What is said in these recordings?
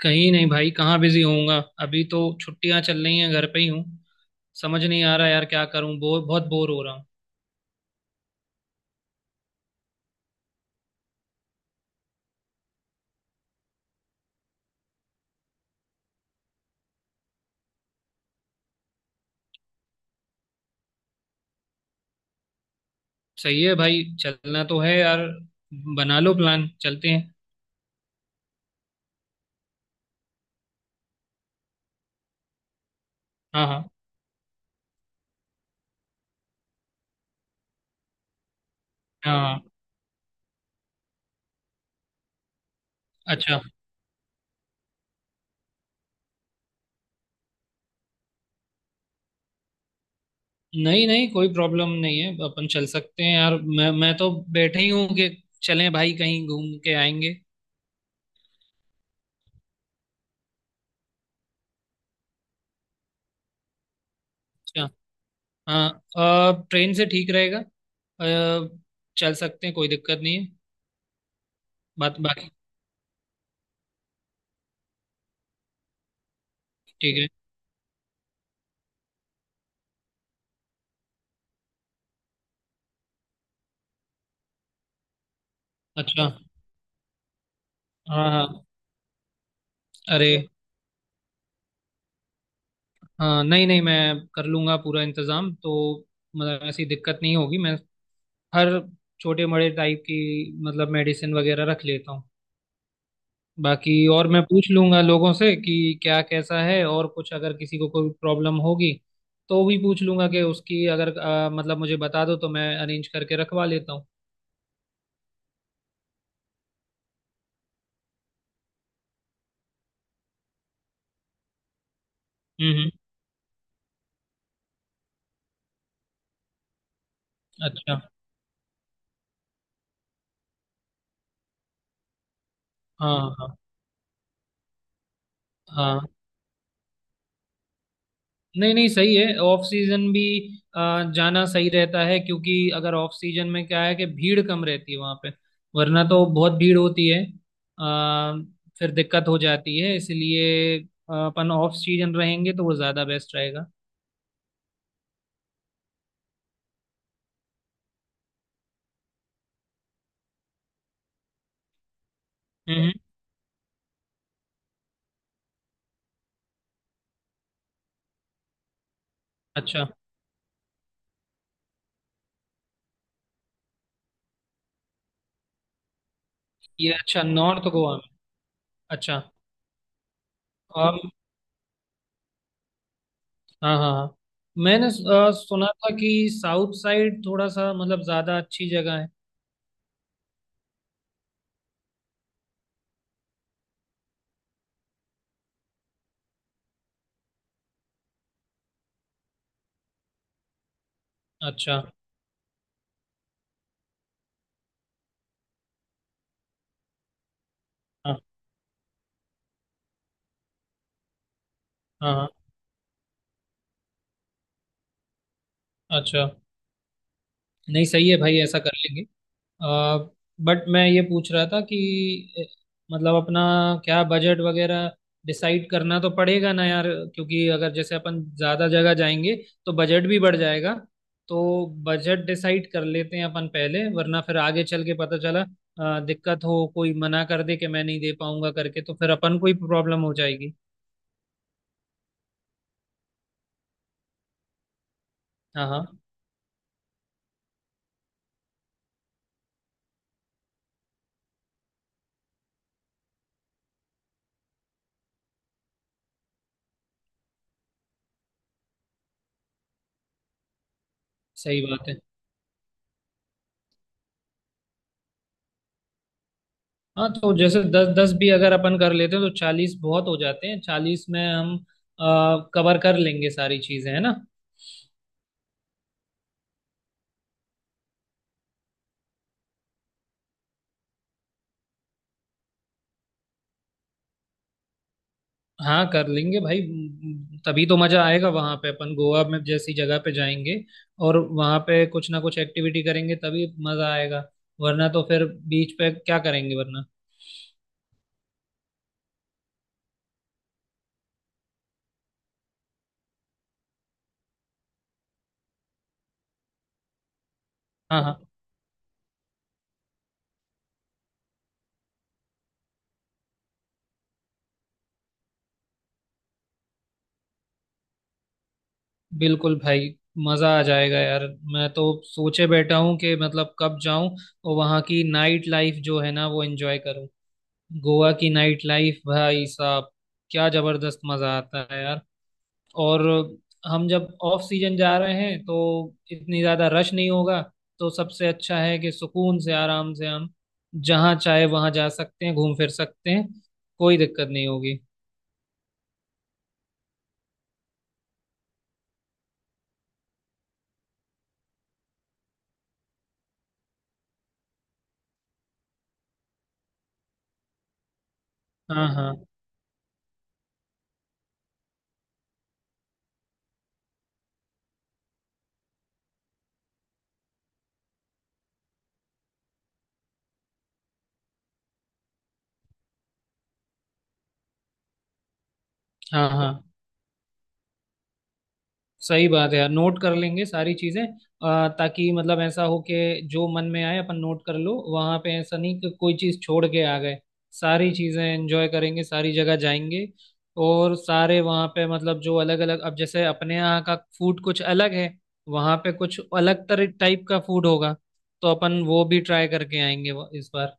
कहीं नहीं भाई। कहाँ बिजी होऊंगा। अभी तो छुट्टियां चल रही हैं, घर पे ही हूँ। समझ नहीं आ रहा यार, क्या करूँ, बोर बहुत बोर हो रहा हूँ। सही है भाई, चलना तो है यार। बना लो प्लान, चलते हैं। हाँ हाँ हाँ हाँ, अच्छा। नहीं नहीं, कोई प्रॉब्लम नहीं है, अपन चल सकते हैं यार। मैं तो बैठे ही हूँ कि चलें भाई, कहीं घूम के आएंगे। अच्छा। हाँ। ट्रेन से ठीक रहेगा। चल सकते हैं, कोई दिक्कत नहीं है। बात बाकी। ठीक है। अच्छा। हाँ हाँ। अरे। हाँ नहीं नहीं, मैं कर लूंगा पूरा इंतजाम तो। मतलब ऐसी दिक्कत नहीं होगी। मैं हर छोटे बड़े टाइप की, मतलब मेडिसिन वगैरह रख लेता हूँ। बाकी और मैं पूछ लूंगा लोगों से कि क्या कैसा है, और कुछ अगर किसी को कोई प्रॉब्लम होगी तो भी पूछ लूंगा कि उसकी अगर मतलब मुझे बता दो तो मैं अरेंज करके रखवा लेता हूँ। हम्म। अच्छा। हाँ हाँ। हाँ नहीं नहीं, सही है, ऑफ सीजन भी जाना सही रहता है, क्योंकि अगर ऑफ सीजन में क्या है कि भीड़ कम रहती है वहां पे, वरना तो बहुत भीड़ होती है। आ, फिर दिक्कत हो जाती है, इसलिए अपन ऑफ सीजन रहेंगे तो वो ज्यादा बेस्ट रहेगा। हम्म। अच्छा। ये अच्छा, नॉर्थ गोवा में। अच्छा। और हाँ हाँ हाँ। मैंने सुना था कि साउथ साइड थोड़ा सा मतलब ज्यादा अच्छी जगह है। अच्छा। हाँ हाँ हाँ, अच्छा। नहीं सही है भाई, ऐसा कर लेंगे। बट मैं ये पूछ रहा था कि मतलब अपना क्या बजट वगैरह डिसाइड करना तो पड़ेगा ना यार, क्योंकि अगर जैसे अपन ज़्यादा जगह जाएंगे तो बजट भी बढ़ जाएगा। तो बजट डिसाइड कर लेते हैं अपन पहले, वरना फिर आगे चल के पता चला दिक्कत हो, कोई मना कर दे कि मैं नहीं दे पाऊंगा करके, तो फिर अपन को ही प्रॉब्लम हो जाएगी। हाँ हाँ। सही बात है। हाँ, तो जैसे दस दस भी अगर अपन कर लेते हैं तो 40 बहुत हो जाते हैं, 40 में हम कवर कर लेंगे सारी चीजें, है ना। हाँ कर लेंगे भाई, तभी तो मजा आएगा वहां पे। अपन गोवा में जैसी जगह पे जाएंगे और वहां पे कुछ ना कुछ एक्टिविटी करेंगे तभी मजा आएगा, वरना तो फिर बीच पे क्या करेंगे वरना। हाँ हाँ। बिल्कुल भाई। मजा आ जाएगा यार, मैं तो सोचे बैठा हूँ कि मतलब कब जाऊं और वहां की नाइट लाइफ जो है ना वो एंजॉय करूं। गोवा की नाइट लाइफ भाई साहब, क्या जबरदस्त मजा आता है यार। और हम जब ऑफ सीजन जा रहे हैं तो इतनी ज्यादा रश नहीं होगा, तो सबसे अच्छा है कि सुकून से, आराम से हम जहाँ चाहे वहाँ जा सकते हैं, घूम फिर सकते हैं, कोई दिक्कत नहीं होगी। हाँ हाँ हाँ हाँ। सही बात है यार, नोट कर लेंगे सारी चीजें, ताकि मतलब ऐसा हो कि जो मन में आए अपन नोट कर लो वहां पे, ऐसा नहीं कि कोई चीज छोड़ के आ गए। सारी चीजें एंजॉय करेंगे, सारी जगह जाएंगे। और सारे वहां पे मतलब जो अलग अलग, अब जैसे अपने यहाँ का फूड कुछ अलग है, वहां पे कुछ अलग तरह टाइप का फूड होगा, तो अपन वो भी ट्राई करके आएंगे इस बार।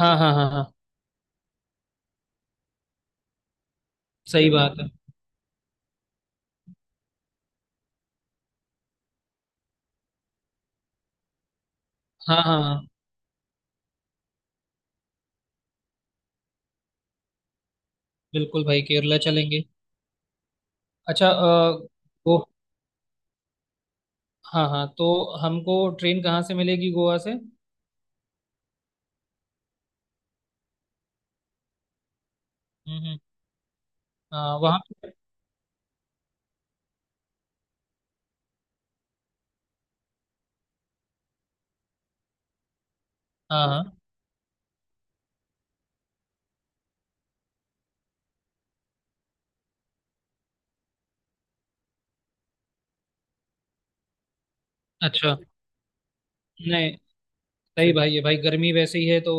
हाँ हाँ हाँ हाँ। सही बात है। हाँ हाँ हाँ। बिल्कुल भाई, केरला चलेंगे। अच्छा। वो। हाँ हाँ, तो हमको ट्रेन कहाँ से मिलेगी गोवा से। हम्म। हम्म। आ, वहाँ पे- हाँ हाँ। अच्छा। नहीं सही भाई है भाई, गर्मी वैसे ही है तो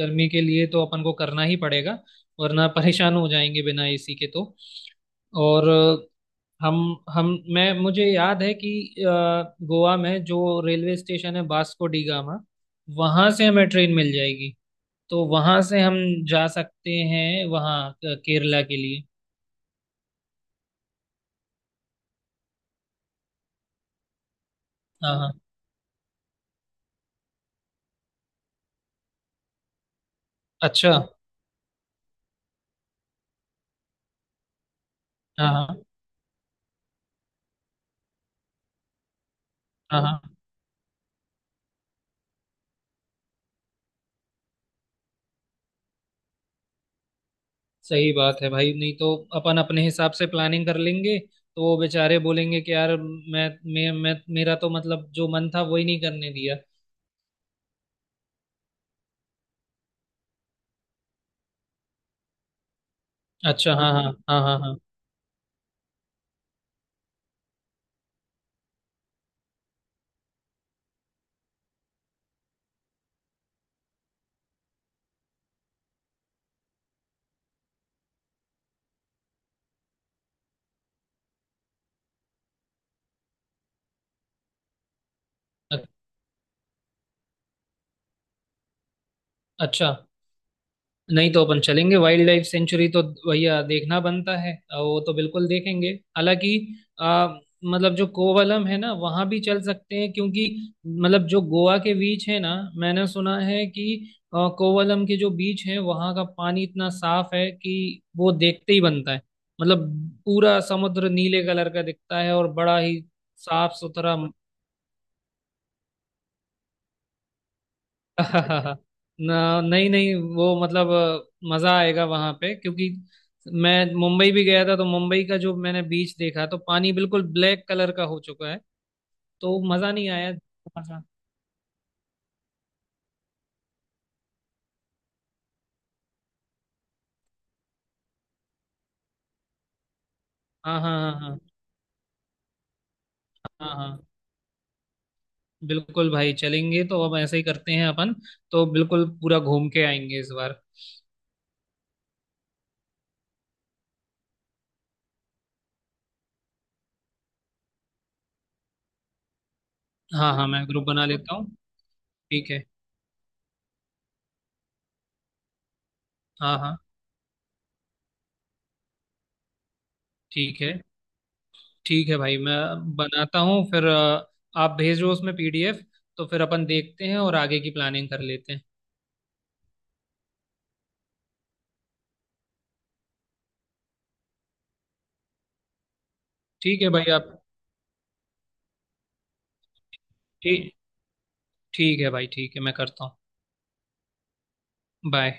गर्मी के लिए तो अपन को करना ही पड़ेगा, वरना परेशान हो जाएंगे बिना AC के तो। और हम हम मैं मुझे याद है कि गोवा में जो रेलवे स्टेशन है वास्को डी गामा, वहाँ से हमें ट्रेन मिल जाएगी, तो वहाँ से हम जा सकते हैं वहाँ केरला के लिए। हाँ हाँ। अच्छा। हाँ हाँ हाँ हाँ। सही बात है भाई, नहीं तो अपन अपने हिसाब से प्लानिंग कर लेंगे, तो वो बेचारे बोलेंगे कि यार मैं मेरा तो मतलब जो मन था वही नहीं करने दिया। अच्छा हाँ हाँ हाँ हाँ हाँ। अ- अच्छा। नहीं, तो अपन चलेंगे वाइल्ड लाइफ सेंचुरी तो, भैया देखना बनता है, वो तो बिल्कुल देखेंगे। हालांकि आ, मतलब जो कोवलम है ना वहां भी चल सकते हैं, क्योंकि मतलब जो गोवा के बीच है ना, मैंने सुना है कि कोवलम के जो बीच है वहां का पानी इतना साफ है कि वो देखते ही बनता है। मतलब पूरा समुद्र नीले कलर का दिखता है और बड़ा ही साफ सुथरा। ना नहीं नहीं, वो मतलब मजा आएगा वहां पे, क्योंकि मैं मुंबई भी गया था तो मुंबई का जो मैंने बीच देखा तो पानी बिल्कुल ब्लैक कलर का हो चुका है, तो मजा नहीं आया। मजा। हाँ हाँ हाँ हाँ हाँ हाँ। बिल्कुल भाई चलेंगे, तो अब ऐसे ही करते हैं अपन, तो बिल्कुल पूरा घूम के आएंगे इस बार। हाँ हाँ। मैं ग्रुप बना लेता हूँ। ठीक है। हाँ हाँ। ठीक है। ठीक है भाई, मैं बनाता हूँ फिर। आप भेजो उसमें PDF, तो फिर अपन देखते हैं और आगे की प्लानिंग कर लेते हैं। ठीक है भाई। आप ठीक। ठीक है भाई, ठीक है मैं करता हूँ। बाय।